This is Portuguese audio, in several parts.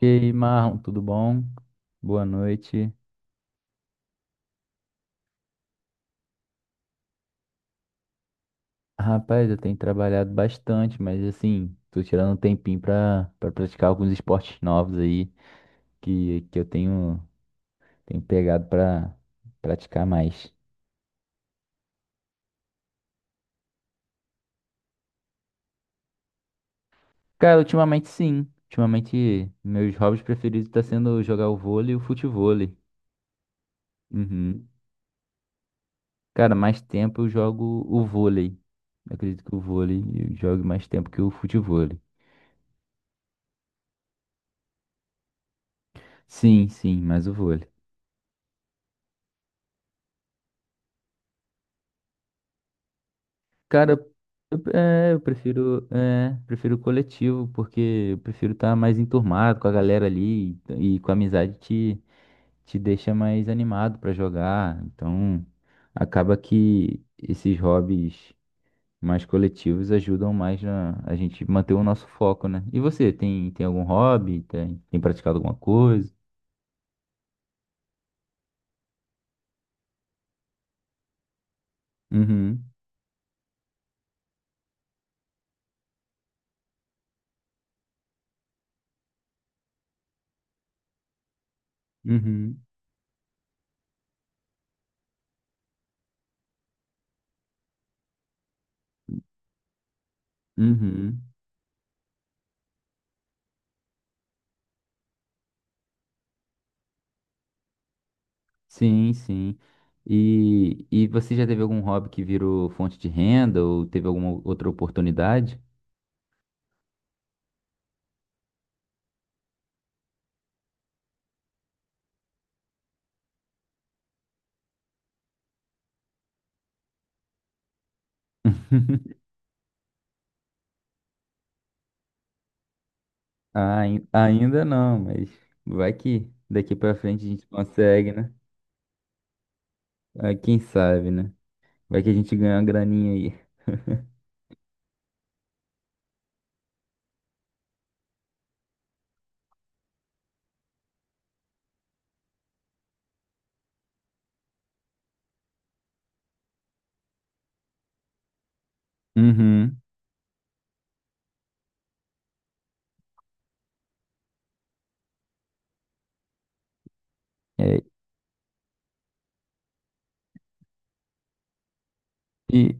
E aí, Marlon, tudo bom? Boa noite. Rapaz, eu tenho trabalhado bastante, mas assim, tô tirando um tempinho pra praticar alguns esportes novos aí que eu tenho pegado pra praticar mais. Cara, ultimamente sim. Ultimamente, meus hobbies preferidos tá sendo jogar o vôlei e o futevôlei. Uhum. Cara, mais tempo eu jogo o vôlei. Eu acredito que o vôlei eu jogue mais tempo que o futevôlei. Sim, sim, mais o vôlei. Cara, eu prefiro, prefiro coletivo, porque eu prefiro estar mais enturmado com a galera ali e com a amizade te deixa mais animado pra jogar. Então, acaba que esses hobbies mais coletivos ajudam mais na, a gente manter o nosso foco, né? E você, tem algum hobby? Tem praticado alguma coisa? Uhum, uhum, uhum. Sim, sim. E você já teve algum hobby que virou fonte de renda ou teve alguma outra oportunidade? Ainda não, mas vai que daqui pra frente a gente consegue, né? Ah, quem sabe, né? Vai que a gente ganha uma graninha aí. Uhum. É, e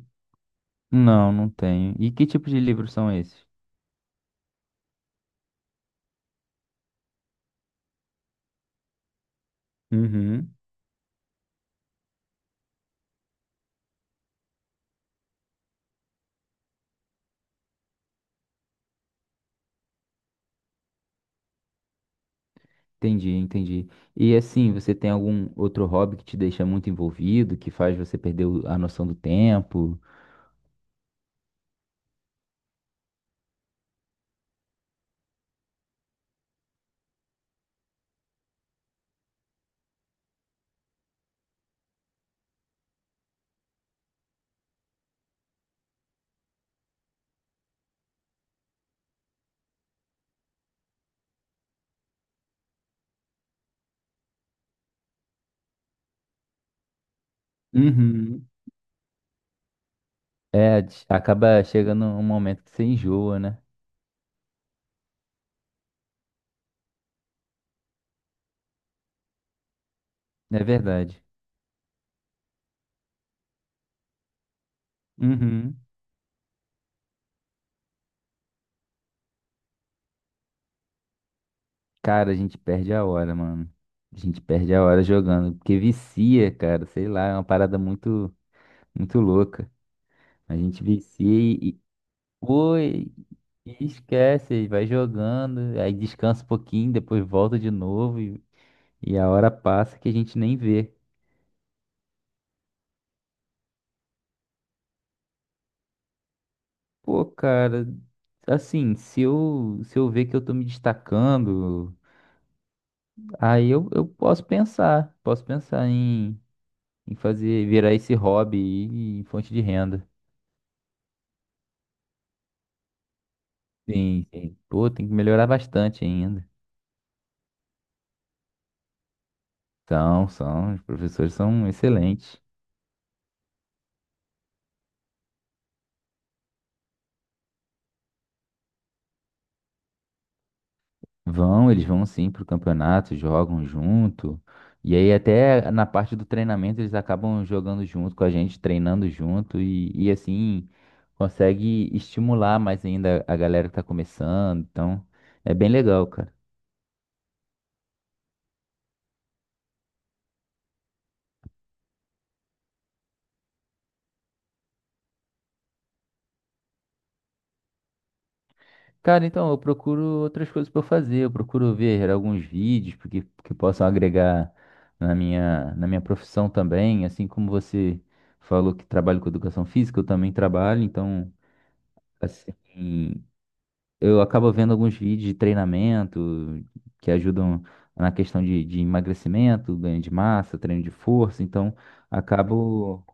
não, não tenho. E que tipo de livros são esses? Uhum. Entendi, entendi. E assim, você tem algum outro hobby que te deixa muito envolvido, que faz você perder a noção do tempo? Uhum. É, acaba chegando um momento que você enjoa, né? É verdade. Uhum. Cara, a gente perde a hora, mano. A gente perde a hora jogando, porque vicia, cara, sei lá, é uma parada muito louca. A gente vicia e e- esquece, e vai jogando, aí descansa um pouquinho, depois volta de novo e a hora passa que a gente nem vê. Pô, cara, assim, se eu ver que eu tô me destacando. Eu posso posso pensar em, virar esse hobby aí em fonte de renda. Sim, sim. Pô, tem que melhorar bastante ainda. São, são, os professores são excelentes. Vão, eles vão sim pro campeonato, jogam junto. E aí até na parte do treinamento eles acabam jogando junto com a gente, treinando junto e assim consegue estimular mais ainda a galera que tá começando. Então, é bem legal, cara. Cara, então, eu procuro outras coisas para fazer. Eu procuro ver alguns vídeos que possam agregar na na minha profissão também. Assim como você falou que trabalha com educação física, eu também trabalho. Então, assim, eu acabo vendo alguns vídeos de treinamento que ajudam na questão de emagrecimento, ganho de massa, treino de força. Então, acabo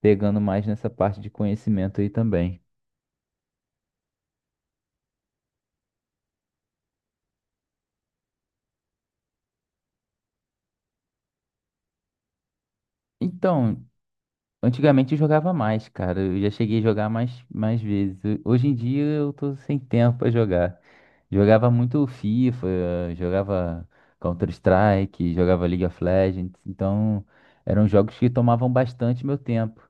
pegando mais nessa parte de conhecimento aí também. Então, antigamente eu jogava mais, cara. Eu já cheguei a jogar mais vezes. Hoje em dia eu tô sem tempo pra jogar. Jogava muito FIFA, jogava Counter-Strike, jogava League of Legends. Então eram jogos que tomavam bastante meu tempo.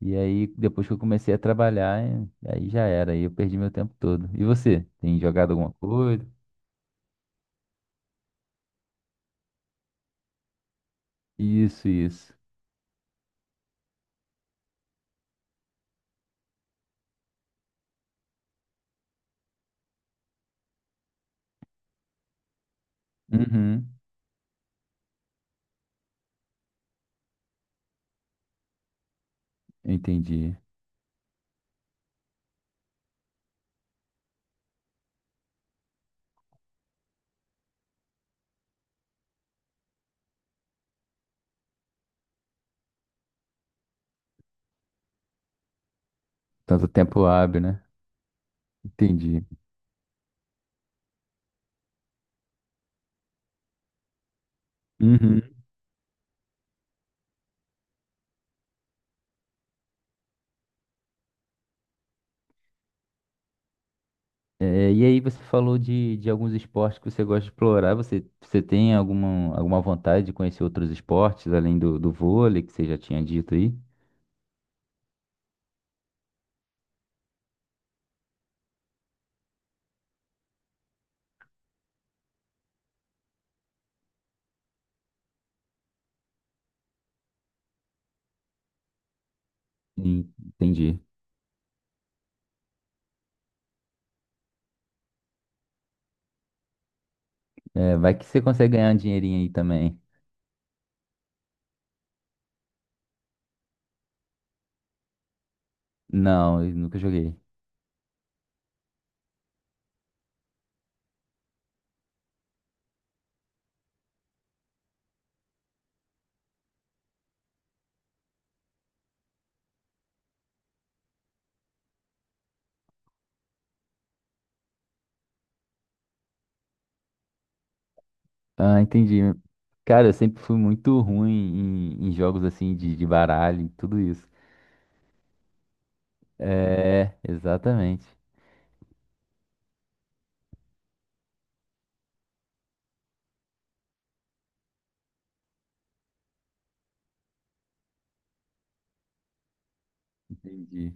E aí, depois que eu comecei a trabalhar, aí já era. Aí eu perdi meu tempo todo. E você? Tem jogado alguma coisa? Isso, isso. Uhum. Entendi. Tanto tempo hábil, né? Entendi. Uhum. É, e aí você falou de alguns esportes que você gosta de explorar. Você tem alguma vontade de conhecer outros esportes, além do vôlei, que você já tinha dito aí? Sim, entendi. É, vai que você consegue ganhar um dinheirinho aí também. Não, eu nunca joguei. Ah, entendi. Cara, eu sempre fui muito ruim em jogos assim de baralho e tudo isso. É, exatamente. Entendi.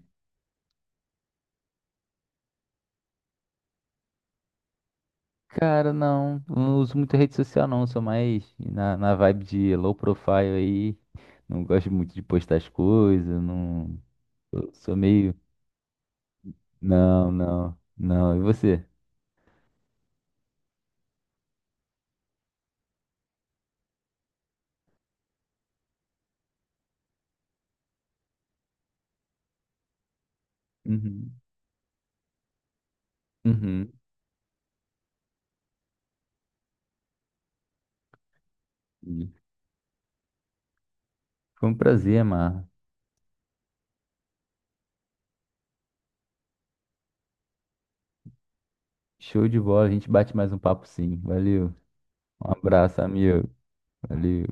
Cara, não uso muita rede social não, sou mais na, na vibe de low profile aí, não gosto muito de postar as coisas, não, eu sou meio... não, e você? Uhum, uhum. Foi um prazer, Mar, show de bola, a gente bate mais um papo sim, valeu, um abraço, amigo, valeu.